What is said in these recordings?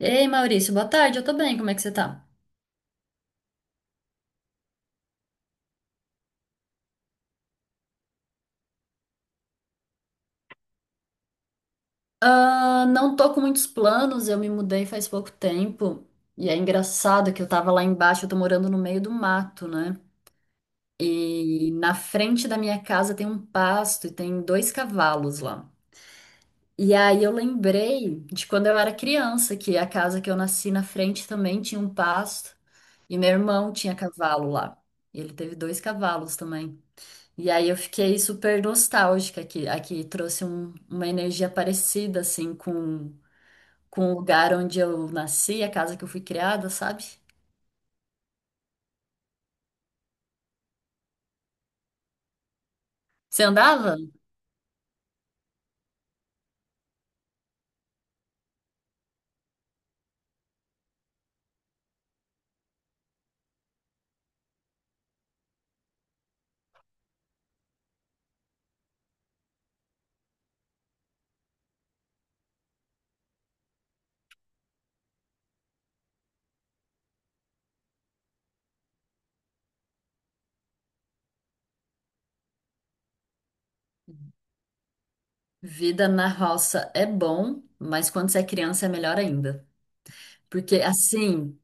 Ei, Maurício, boa tarde, eu tô bem, como é que você tá? Ah, não tô com muitos planos, eu me mudei faz pouco tempo. E é engraçado que eu tava lá embaixo, eu tô morando no meio do mato, né? E na frente da minha casa tem um pasto e tem dois cavalos lá. E aí eu lembrei de quando eu era criança, que a casa que eu nasci na frente também tinha um pasto. E meu irmão tinha cavalo lá. E ele teve dois cavalos também. E aí eu fiquei super nostálgica, que aqui trouxe uma energia parecida, assim, com o lugar onde eu nasci, a casa que eu fui criada, sabe? Você andava? Vida na roça é bom, mas quando você é criança é melhor ainda. Porque, assim,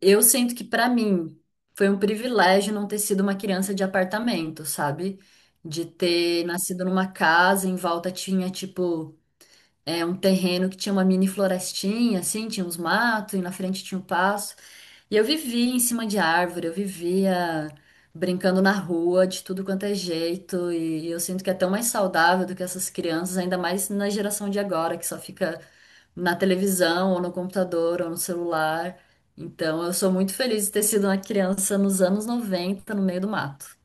eu sinto que pra mim foi um privilégio não ter sido uma criança de apartamento, sabe? De ter nascido numa casa, em volta tinha, um terreno que tinha uma mini florestinha, assim, tinha uns matos e na frente tinha um passo. E eu vivia em cima de árvore, eu vivia brincando na rua de tudo quanto é jeito. E eu sinto que é tão mais saudável do que essas crianças, ainda mais na geração de agora, que só fica na televisão, ou no computador, ou no celular. Então, eu sou muito feliz de ter sido uma criança nos anos 90 no meio do mato.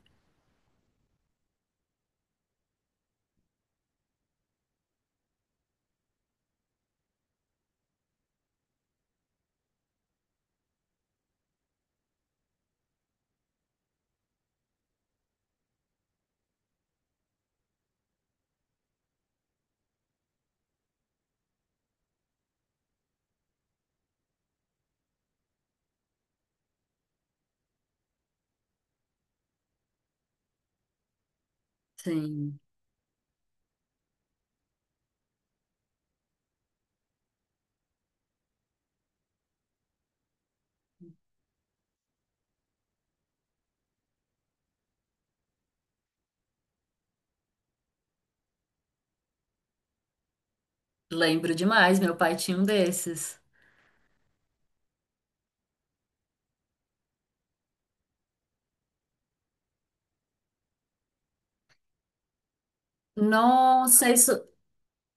Sim, lembro demais, meu pai tinha um desses. Nossa, isso,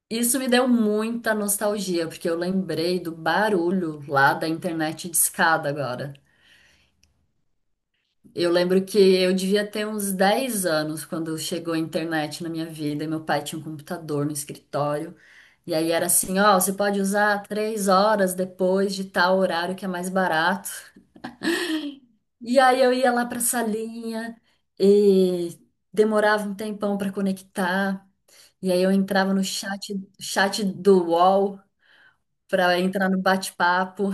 Isso me deu muita nostalgia, porque eu lembrei do barulho lá da internet discada agora. Eu lembro que eu devia ter uns 10 anos quando chegou a internet na minha vida, e meu pai tinha um computador no escritório. E aí era assim, ó, você pode usar 3 horas depois de tal horário que é mais barato. E aí eu ia lá pra salinha e demorava um tempão pra conectar. E aí eu entrava no chat, chat do UOL para entrar no bate-papo.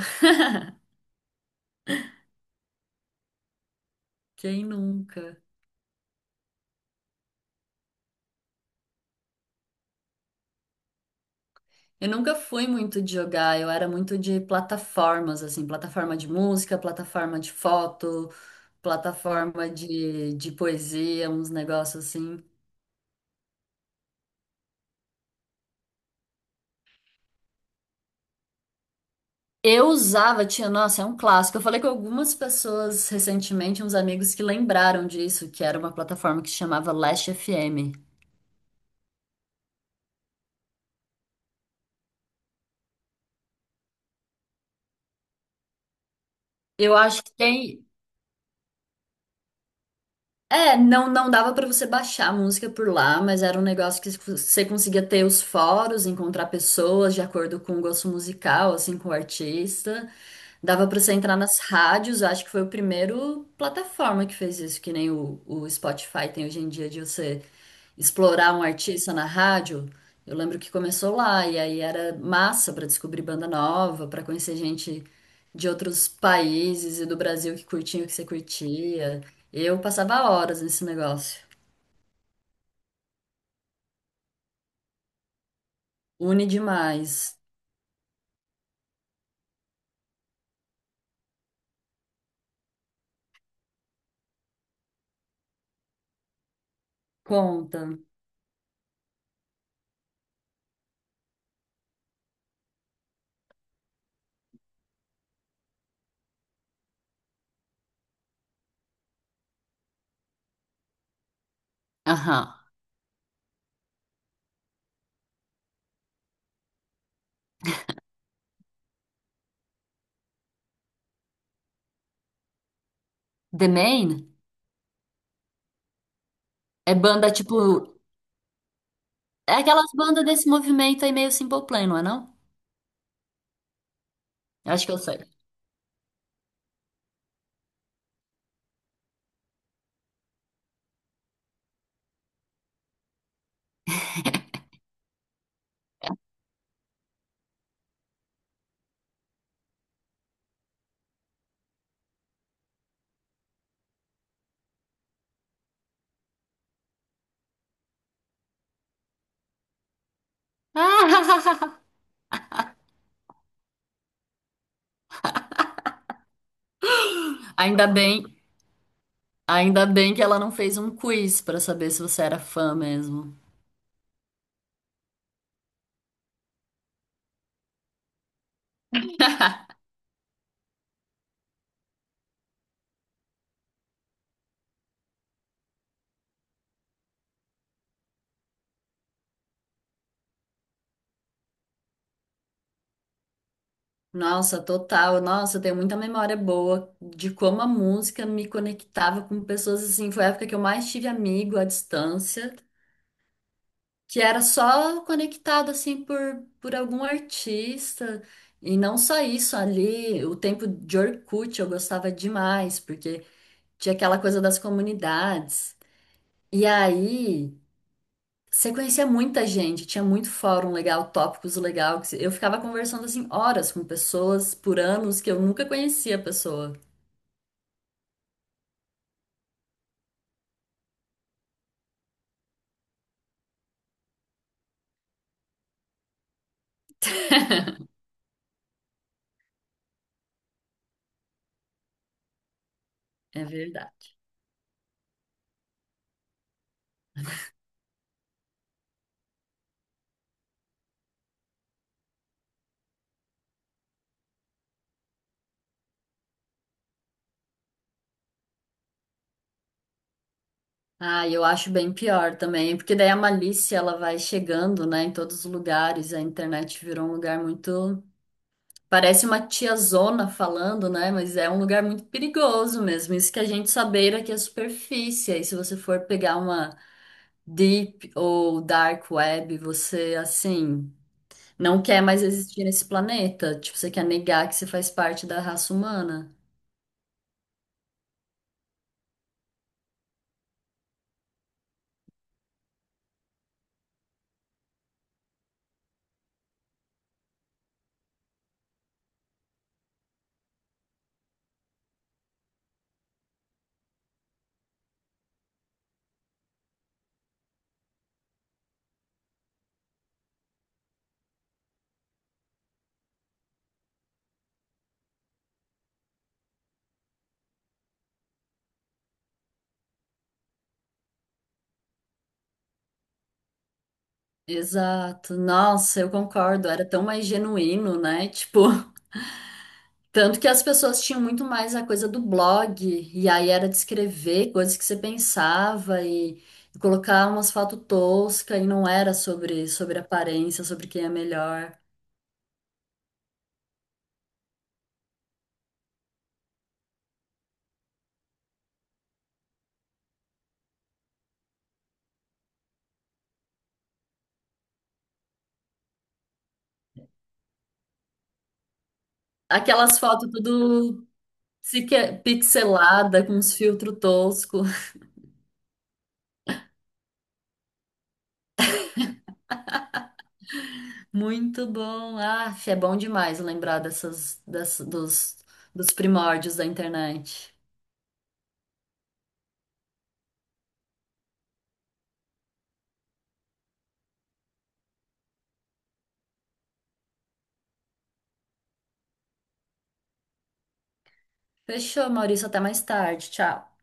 Quem nunca? Eu nunca fui muito de jogar, eu era muito de plataformas, assim, plataforma de música, plataforma de foto, plataforma de poesia, uns negócios assim. Eu usava, tinha, nossa, é um clássico. Eu falei com algumas pessoas recentemente, uns amigos que lembraram disso, que era uma plataforma que se chamava Last FM. Eu acho que tem, é, não, não dava pra você baixar a música por lá, mas era um negócio que você conseguia ter os fóruns, encontrar pessoas de acordo com o gosto musical, assim, com o artista. Dava pra você entrar nas rádios, eu acho que foi o primeiro plataforma que fez isso, que nem o Spotify tem hoje em dia, de você explorar um artista na rádio. Eu lembro que começou lá, e aí era massa pra descobrir banda nova, pra conhecer gente de outros países e do Brasil que curtiam o que você curtia. Eu passava horas nesse negócio. Une demais. Conta. Aham. The Main é banda tipo. É aquelas bandas desse movimento aí meio Simple Plan, não é não? Eu acho que eu sei. Ainda bem, ainda bem que ela não fez um quiz pra saber se você era fã mesmo. Nossa, total. Nossa, eu tenho muita memória boa de como a música me conectava com pessoas assim. Foi a época que eu mais tive amigo à distância, que era só conectado assim por algum artista. E não só isso, ali, o tempo de Orkut eu gostava demais, porque tinha aquela coisa das comunidades. E aí, você conhecia muita gente, tinha muito fórum legal, tópicos legal. Eu ficava conversando assim horas com pessoas por anos que eu nunca conhecia a pessoa. É verdade. Ah, eu acho bem pior também, porque daí a malícia ela vai chegando, né, em todos os lugares. A internet virou um lugar muito, parece uma tiazona falando, né, mas é um lugar muito perigoso mesmo. Isso que a gente sabeira que é superfície. Aí se você for pegar uma deep ou dark web, você assim não quer mais existir nesse planeta. Tipo, você quer negar que você faz parte da raça humana. Exato. Nossa, eu concordo. Era tão mais genuíno, né? Tipo, tanto que as pessoas tinham muito mais a coisa do blog, e aí era de escrever coisas que você pensava e colocar umas fotos toscas, e não era sobre aparência, sobre quem é melhor. Aquelas fotos tudo pixelada, com uns filtros tosco. Muito bom. Ah, é bom demais lembrar dos primórdios da internet. Fechou, Maurício. Até mais tarde. Tchau.